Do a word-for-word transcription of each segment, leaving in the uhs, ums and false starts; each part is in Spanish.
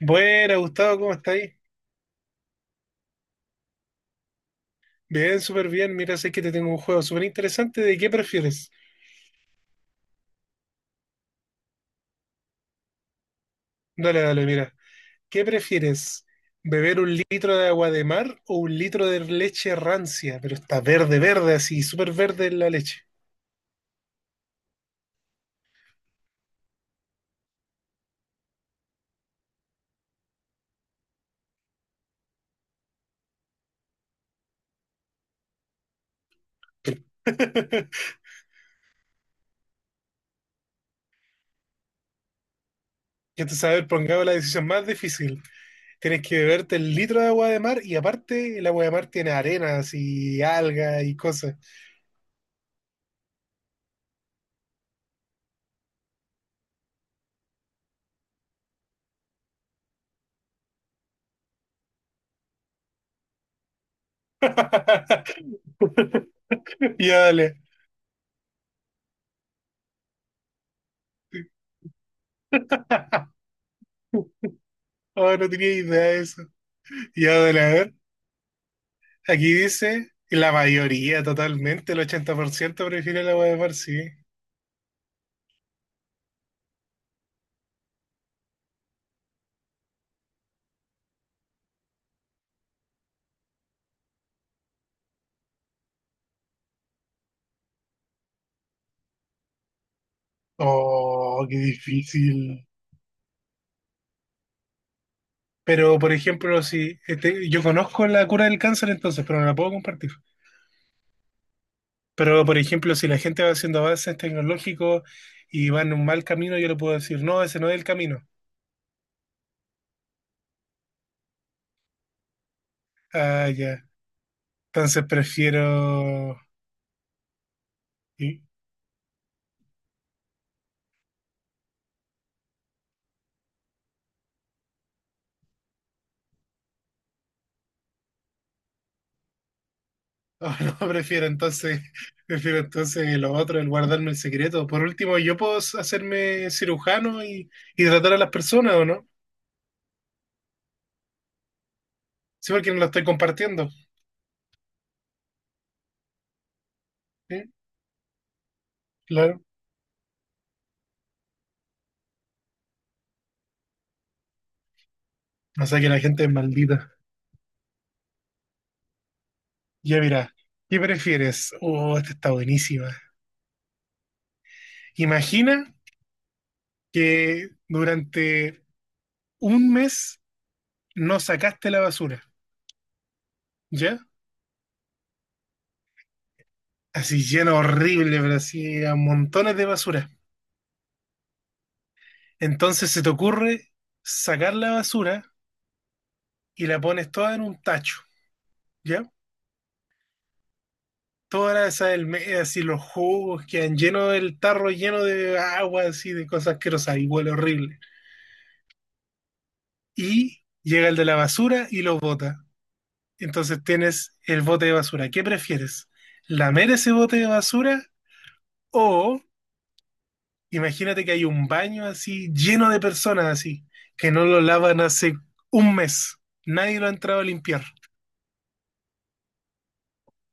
Buena, Gustavo, ¿cómo estáis? Bien, súper bien. Mira, sé que te tengo un juego súper interesante. ¿De qué prefieres? Dale, dale, mira. ¿Qué prefieres? ¿Beber un litro de agua de mar o un litro de leche rancia? Pero está verde, verde, así, súper verde la leche. Ya te sabes, pongamos la decisión más difícil. Tienes que beberte el litro de agua de mar y aparte el agua de mar tiene arenas y algas y cosas. Ya, dale. Oh, no tenía idea de eso. Ya, dale, a ver. Aquí dice que la mayoría, totalmente, el ochenta por ciento prefiere la hueá de mar, sí. Oh, qué difícil. Pero, por ejemplo, si este, yo conozco la cura del cáncer entonces, pero no la puedo compartir. Pero, por ejemplo, si la gente va haciendo avances tecnológicos y va en un mal camino, yo le puedo decir, no, ese no es el camino. Ah, ya. Entonces prefiero... ¿sí? Oh, no, prefiero entonces, prefiero entonces lo otro, el guardarme el secreto. Por último, yo puedo s- hacerme cirujano y, y tratar a las personas, ¿o no? Sí, porque no lo estoy compartiendo. Sí, claro. O sea que la gente es maldita. Ya mira, ¿qué prefieres? Oh, esta está buenísima. Imagina que durante un mes no sacaste la basura, ¿ya? Así lleno horrible, pero así a montones de basura. Entonces se te ocurre sacar la basura y la pones toda en un tacho, ¿ya? Todas esas almejas y los jugos quedan llenos del tarro, lleno de agua, así de cosas asquerosas y huele horrible. Y llega el de la basura y lo bota. Entonces tienes el bote de basura. ¿Qué prefieres? ¿Lamer ese bote de basura o imagínate que hay un baño así lleno de personas así que no lo lavan hace un mes? Nadie lo ha entrado a limpiar.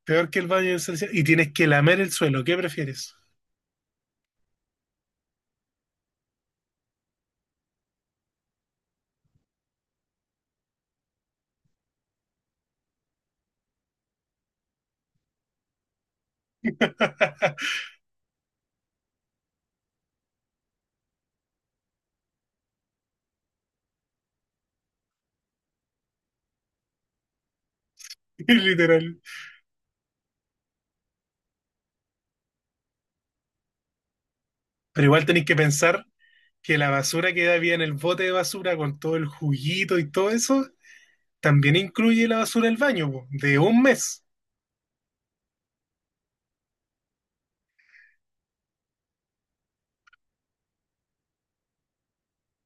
Peor que el baño de y tienes que lamer el suelo. ¿Qué prefieres? Literal. Pero igual tenéis que pensar que la basura que había en el bote de basura con todo el juguito y todo eso, también incluye la basura del baño, po, de un mes.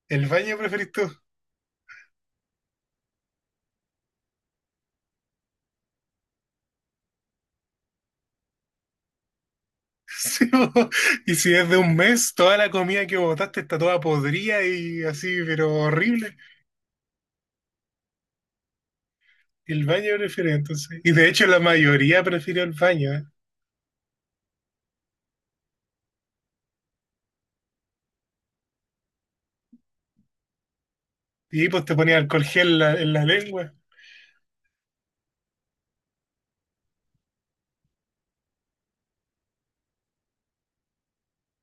El baño preferís tú. Sí, po. Y si es de un mes, toda la comida que botaste está toda podrida y así, pero horrible. El baño preferido, entonces. Y de hecho la mayoría prefirió el baño, ¿eh? Y ahí, pues te ponía alcohol gel en la, en la lengua.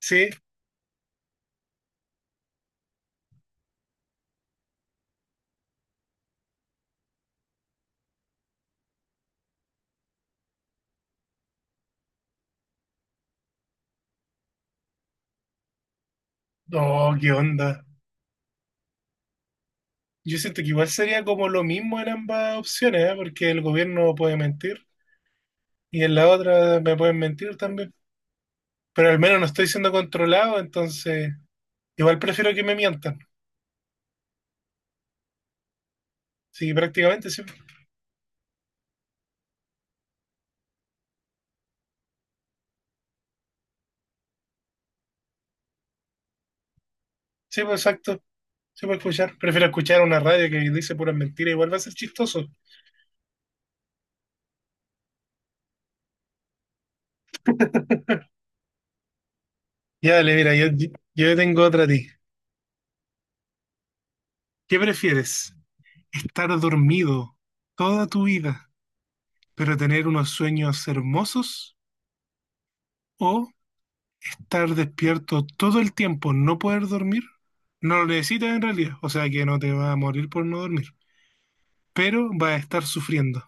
Sí. Oh, qué onda. Yo siento que igual sería como lo mismo en ambas opciones, ¿eh? Porque el gobierno puede mentir. Y en la otra me pueden mentir también, pero al menos no estoy siendo controlado, entonces igual prefiero que me mientan. Sí, prácticamente, sí, sí, pues exacto, sí puedo escuchar. Prefiero escuchar una radio que dice puras mentiras, igual va a ser chistoso. Ya, dale, mira, yo, yo tengo otra a ti. ¿Qué prefieres? ¿Estar dormido toda tu vida, pero tener unos sueños hermosos? ¿O estar despierto todo el tiempo, no poder dormir? No lo necesitas en realidad, o sea que no te va a morir por no dormir. Pero va a estar sufriendo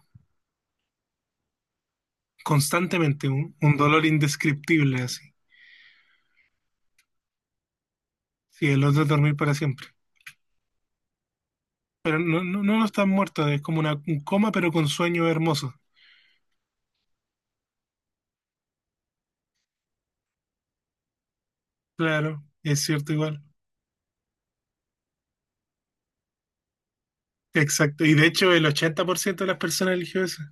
constantemente un, un dolor indescriptible así. Sí, el otro es dormir para siempre. Pero no, no, no está muerto, es como una, un coma, pero con sueño hermoso. Claro, es cierto igual. Exacto. Y de hecho, el ochenta por ciento de las personas eligió eso.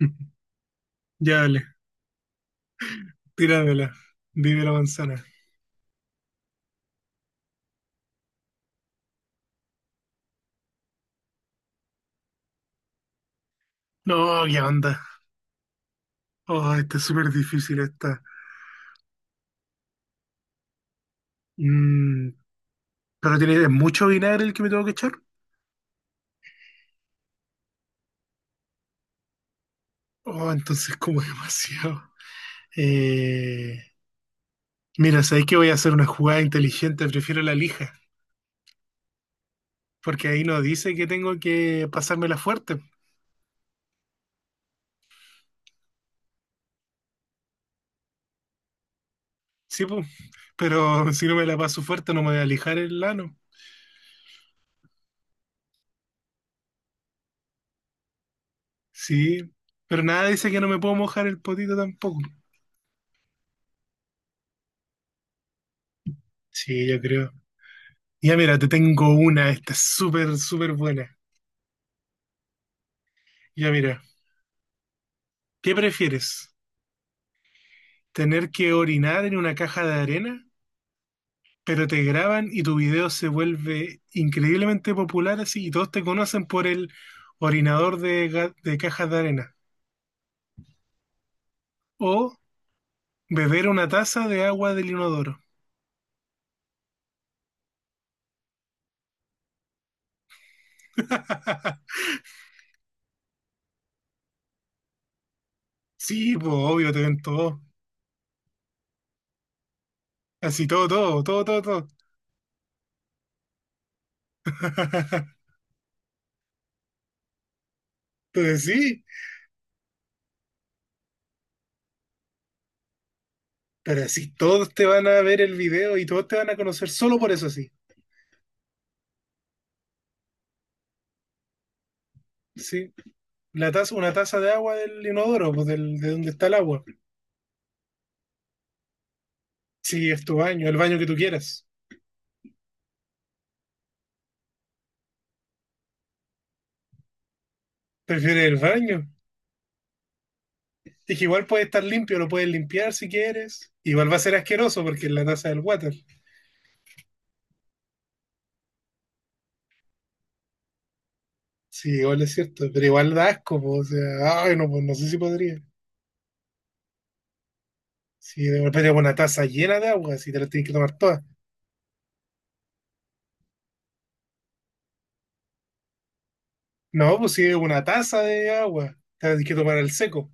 Ya dale, tíramela. Vive la manzana. No, qué onda. Oh, está súper difícil esta. Mm, pero tiene mucho vinagre el que me tengo que echar. Oh, entonces como demasiado. Eh, Mira, sabéis que voy a hacer una jugada inteligente, prefiero la lija, porque ahí no dice que tengo que pasármela fuerte. Sí, pues, pero si no me la paso fuerte no me voy a lijar el lano. Sí, pero nada dice que no me puedo mojar el potito tampoco. Sí, yo creo. Ya mira, te tengo una, esta es súper, súper buena. Ya mira, ¿qué prefieres? ¿Tener que orinar en una caja de arena pero te graban y tu video se vuelve increíblemente popular así y todos te conocen por el orinador de, ga- de cajas de arena o beber una taza de agua del inodoro? Sí, pues obvio, te ven todo. Así todo, todo, todo, todo, todo. Entonces sí, pero así todos te van a ver el video y todos te van a conocer solo por eso, sí. Sí, la taza, una taza de agua del inodoro, pues del, de donde está el agua. Sí, es tu baño, el baño que tú quieras. ¿Prefieres el baño? Dije, igual puede estar limpio, lo puedes limpiar si quieres. Igual va a ser asqueroso porque es la taza del water. Sí, igual es cierto, pero igual da asco, po, o sea, ay, no, pues no sé si podría. Si de repente es una taza llena de agua, si te la tienes que tomar toda. No, pues si es una taza de agua, te la tienes que tomar al seco.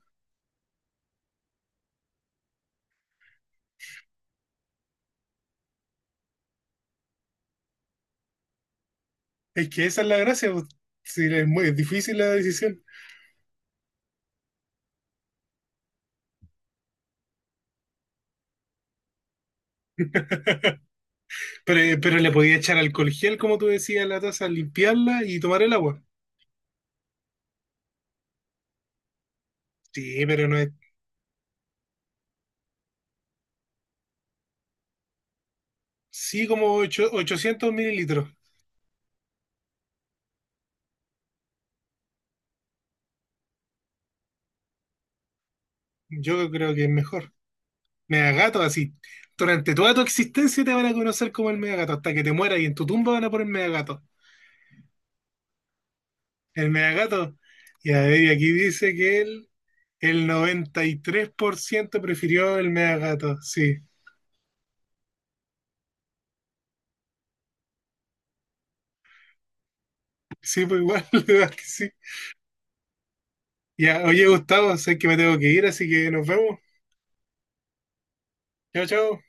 Es que esa es la gracia, pues. Sí, es muy es difícil la decisión. Pero, pero le podía echar alcohol gel, como tú decías, a la taza, limpiarla y tomar el agua. Sí, pero no es. Sí, como ocho- ochocientos mililitros. Yo creo que es mejor. Megagato, así. Durante toda tu existencia te van a conocer como el Megagato, hasta que te mueras y en tu tumba van a poner Megagato. El Megagato. Y a ver, y aquí dice que él, el noventa y tres por ciento prefirió el Megagato. Sí, sí, pues igual, la verdad que sí. Ya, oye, Gustavo, sé que me tengo que ir, así que nos vemos. Chao, chao.